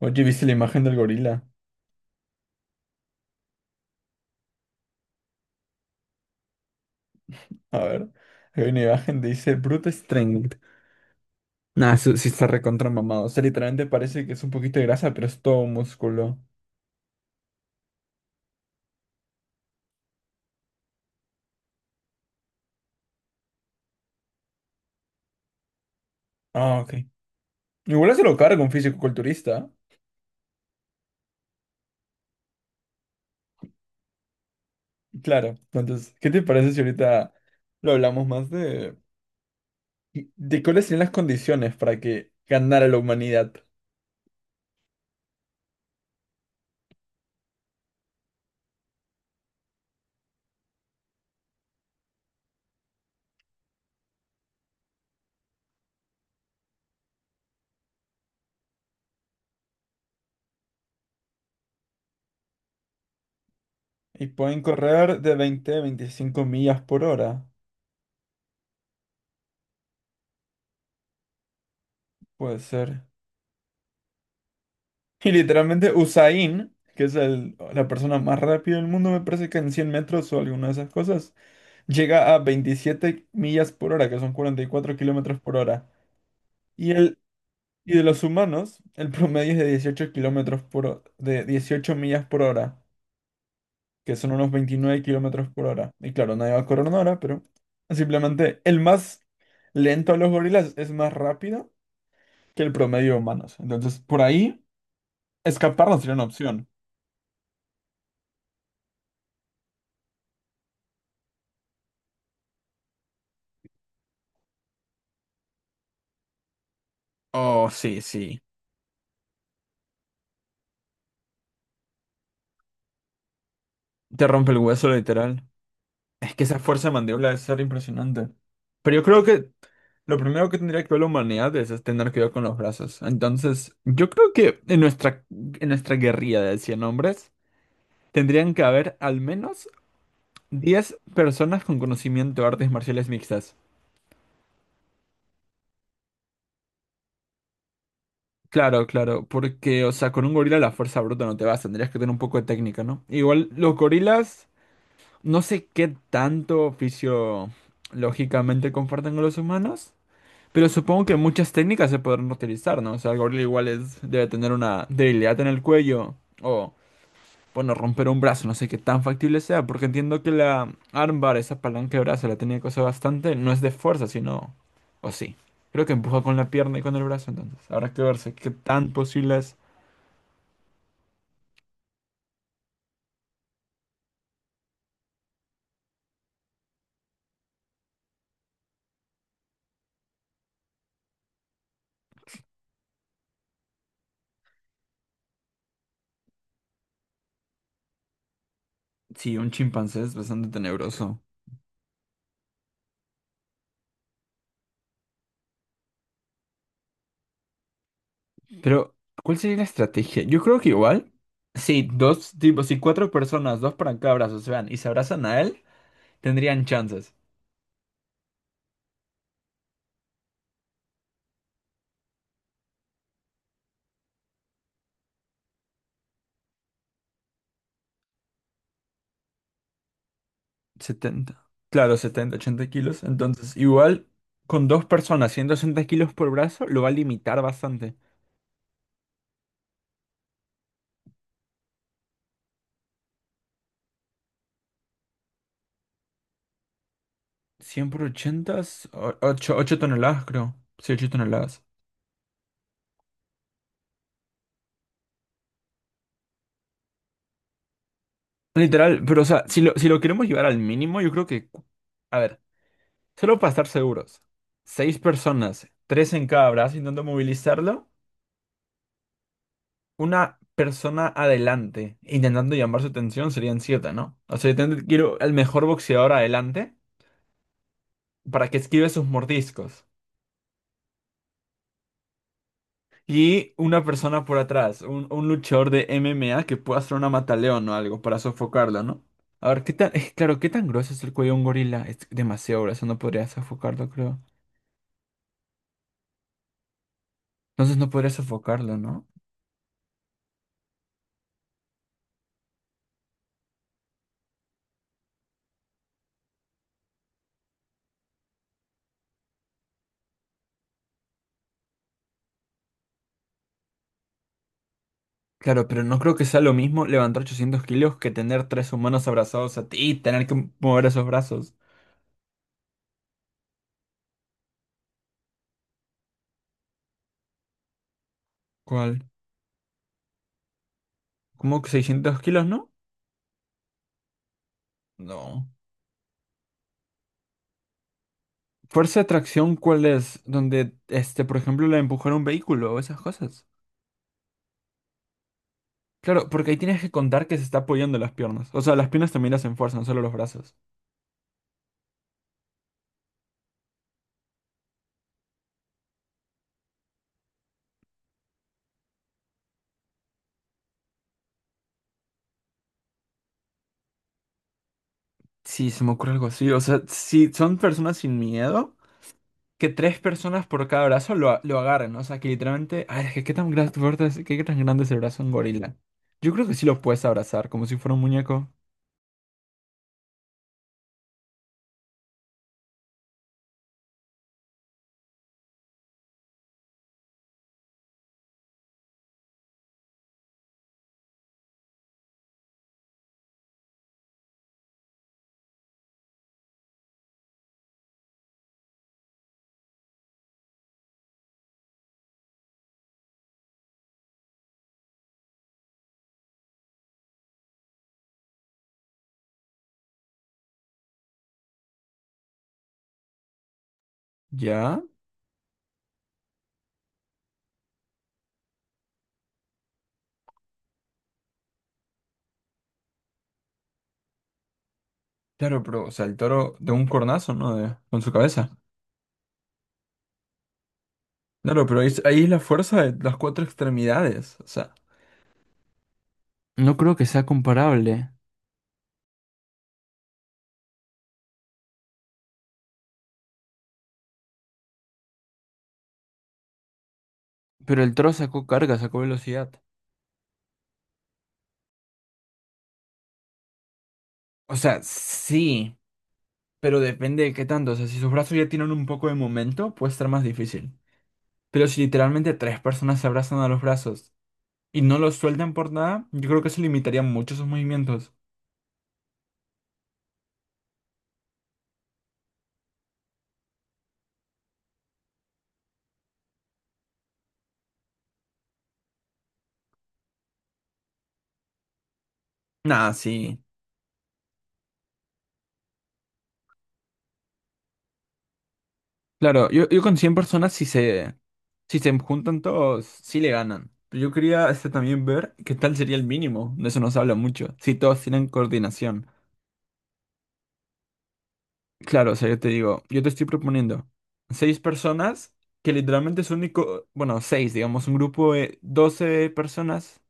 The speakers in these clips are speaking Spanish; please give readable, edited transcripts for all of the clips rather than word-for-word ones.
Oye, ¿viste la imagen del gorila? A ver, hay una imagen que dice Brute Strength. Nah, eso sí está recontra mamado. O sea, literalmente parece que es un poquito de grasa, pero es todo músculo. Ah, ok. Igual se lo carga un fisicoculturista. Claro. Entonces, ¿qué te parece si ahorita lo hablamos más de cuáles serían las condiciones para que ganara la humanidad? Y pueden correr de 20 a 25 millas por hora. Puede ser. Y literalmente Usain, que es la persona más rápida del mundo, me parece que en 100 metros o alguna de esas cosas, llega a 27 millas por hora, que son 44 kilómetros por hora. Y, el, y de los humanos, el promedio es de 18 kilómetros por, de 18 millas por hora, que son unos 29 kilómetros por hora. Y claro, nadie va a correr una hora, pero simplemente el más lento de los gorilas es más rápido que el promedio de humanos. Entonces, por ahí, escapar no sería una opción. Oh, sí, sí. Te rompe el hueso, literal. Es que esa fuerza de mandíbula debe ser impresionante. Pero yo creo que lo primero que tendría que ver la humanidad es tener cuidado con los brazos. Entonces, yo creo que en nuestra guerrilla de 100 hombres tendrían que haber al menos 10 personas con conocimiento de artes marciales mixtas. Claro, claro, porque, o sea, con un gorila la fuerza bruta no te vas, tendrías que tener un poco de técnica, ¿no? Igual los gorilas, no sé qué tanto oficio lógicamente comparten con los humanos. Pero supongo que muchas técnicas se podrán utilizar, ¿no? O sea, el gorila igual es, debe tener una debilidad en el cuello o, bueno, romper un brazo, no sé qué tan factible sea, porque entiendo que la armbar, esa palanca de brazo, la tenía que usar bastante, no es de fuerza, sino, o sí. Creo que empuja con la pierna y con el brazo, entonces. Habrá que verse qué tan posible es. Sí, un chimpancé es bastante tenebroso. Pero, ¿cuál sería la estrategia? Yo creo que igual, si dos tipos, si cuatro personas, dos para cada brazo se van y se abrazan a él, tendrían chances. 70. Claro, 70 80 kilos. Entonces, igual con dos personas, 160 kilos por brazo, lo va a limitar bastante. 100 por 80, 8 8 toneladas, creo. Sí, 8 toneladas. Literal, pero o sea, si lo queremos llevar al mínimo, yo creo que... A ver, solo para estar seguros. Seis personas, tres en cada brazo intentando movilizarlo. Una persona adelante, intentando llamar su atención, serían siete, ¿no? O sea, quiero el mejor boxeador adelante para que esquive sus mordiscos. Y una persona por atrás, un luchador de MMA que pueda hacer una mataleón o algo para sofocarlo, ¿no? A ver, claro, ¿qué tan grueso es el cuello de un gorila? Es demasiado grueso, no podría sofocarlo, creo. Entonces no podría sofocarlo, ¿no? Claro, pero no creo que sea lo mismo levantar 800 kilos que tener tres humanos abrazados a ti y tener que mover esos brazos. ¿Cuál? ¿Cómo que 600 kilos, no? No. ¿Fuerza de tracción cuál es? Donde, este, por ejemplo, la de empujar un vehículo o esas cosas. Claro, porque ahí tienes que contar que se está apoyando las piernas. O sea, las piernas también las enfuerzan, no solo los brazos. Sí, se me ocurre algo así. O sea, si son personas sin miedo, que tres personas por cada brazo lo agarren. O sea, que literalmente. Ay, es que qué tan grande es el brazo de un gorila. Yo creo que sí lo puedes abrazar, como si fuera un muñeco. ¿Ya? Claro, pero, o sea, el toro de un cornazo, ¿no? Con su cabeza. Claro, pero ahí es la fuerza de las cuatro extremidades. O sea. No creo que sea comparable. Pero el toro sacó carga, sacó velocidad. O sea, sí, pero depende de qué tanto. O sea, si sus brazos ya tienen un poco de momento, puede estar más difícil. Pero si literalmente tres personas se abrazan a los brazos y no los sueltan por nada, yo creo que eso limitaría mucho sus movimientos. Nah, sí. Claro, yo con 100 personas, si se juntan todos, sí le ganan. Pero yo quería este, también ver qué tal sería el mínimo. De eso nos habla mucho. Si todos tienen coordinación. Claro, o sea, yo te digo, yo te estoy proponiendo seis personas que literalmente es único, bueno, seis, digamos, un grupo de 12 personas,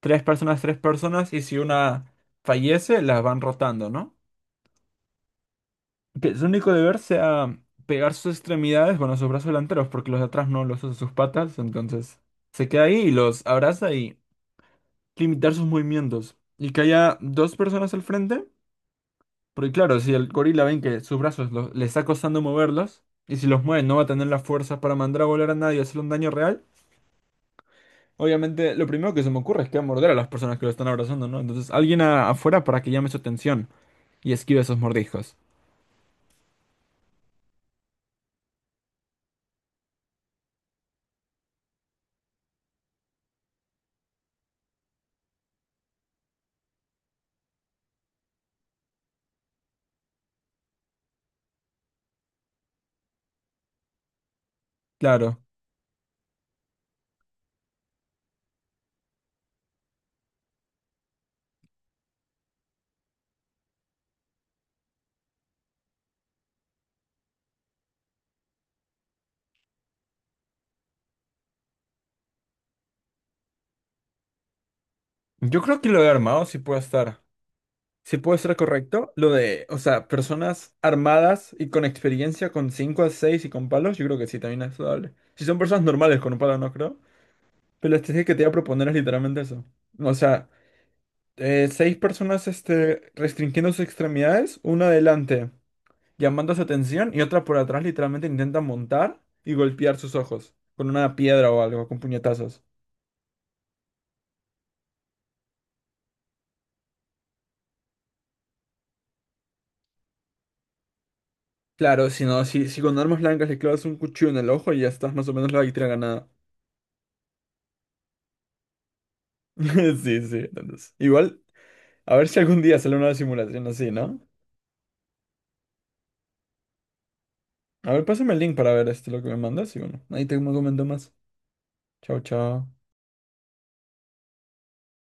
tres personas, tres personas, y si una fallece, las van rotando, ¿no? Que su único deber sea pegar sus extremidades, bueno, sus brazos delanteros, porque los de atrás no los usa sus patas, entonces se queda ahí y los abraza y limitar sus movimientos. Y que haya dos personas al frente. Porque claro, si el gorila ven que sus brazos le está costando moverlos, y si los mueve no va a tener las fuerzas para mandar a volar a nadie y hacerle un daño real, obviamente lo primero que se me ocurre es que va a morder a las personas que lo están abrazando, ¿no? Entonces alguien afuera para que llame su atención y esquive esos mordiscos. Claro. Yo creo que lo de armado sí puede estar. Sí puede ser correcto. Lo de, o sea, personas armadas y con experiencia, con 5 a 6 y con palos, yo creo que sí, también es saludable. Si son personas normales con un palo, no creo. Pero la estrategia que te voy a proponer es literalmente eso. O sea... seis personas este, restringiendo sus extremidades, una adelante llamando su atención y otra por atrás literalmente intenta montar y golpear sus ojos con una piedra o algo, con puñetazos. Claro, si no, si con armas blancas le clavas un cuchillo en el ojo y ya estás más o menos la victoria ganada. Sí, sí, entonces. Igual, a ver si algún día sale una simulación así, ¿no? A ver, pásame el link para ver esto lo que me mandas y bueno, ahí te comento más. Chao, chao.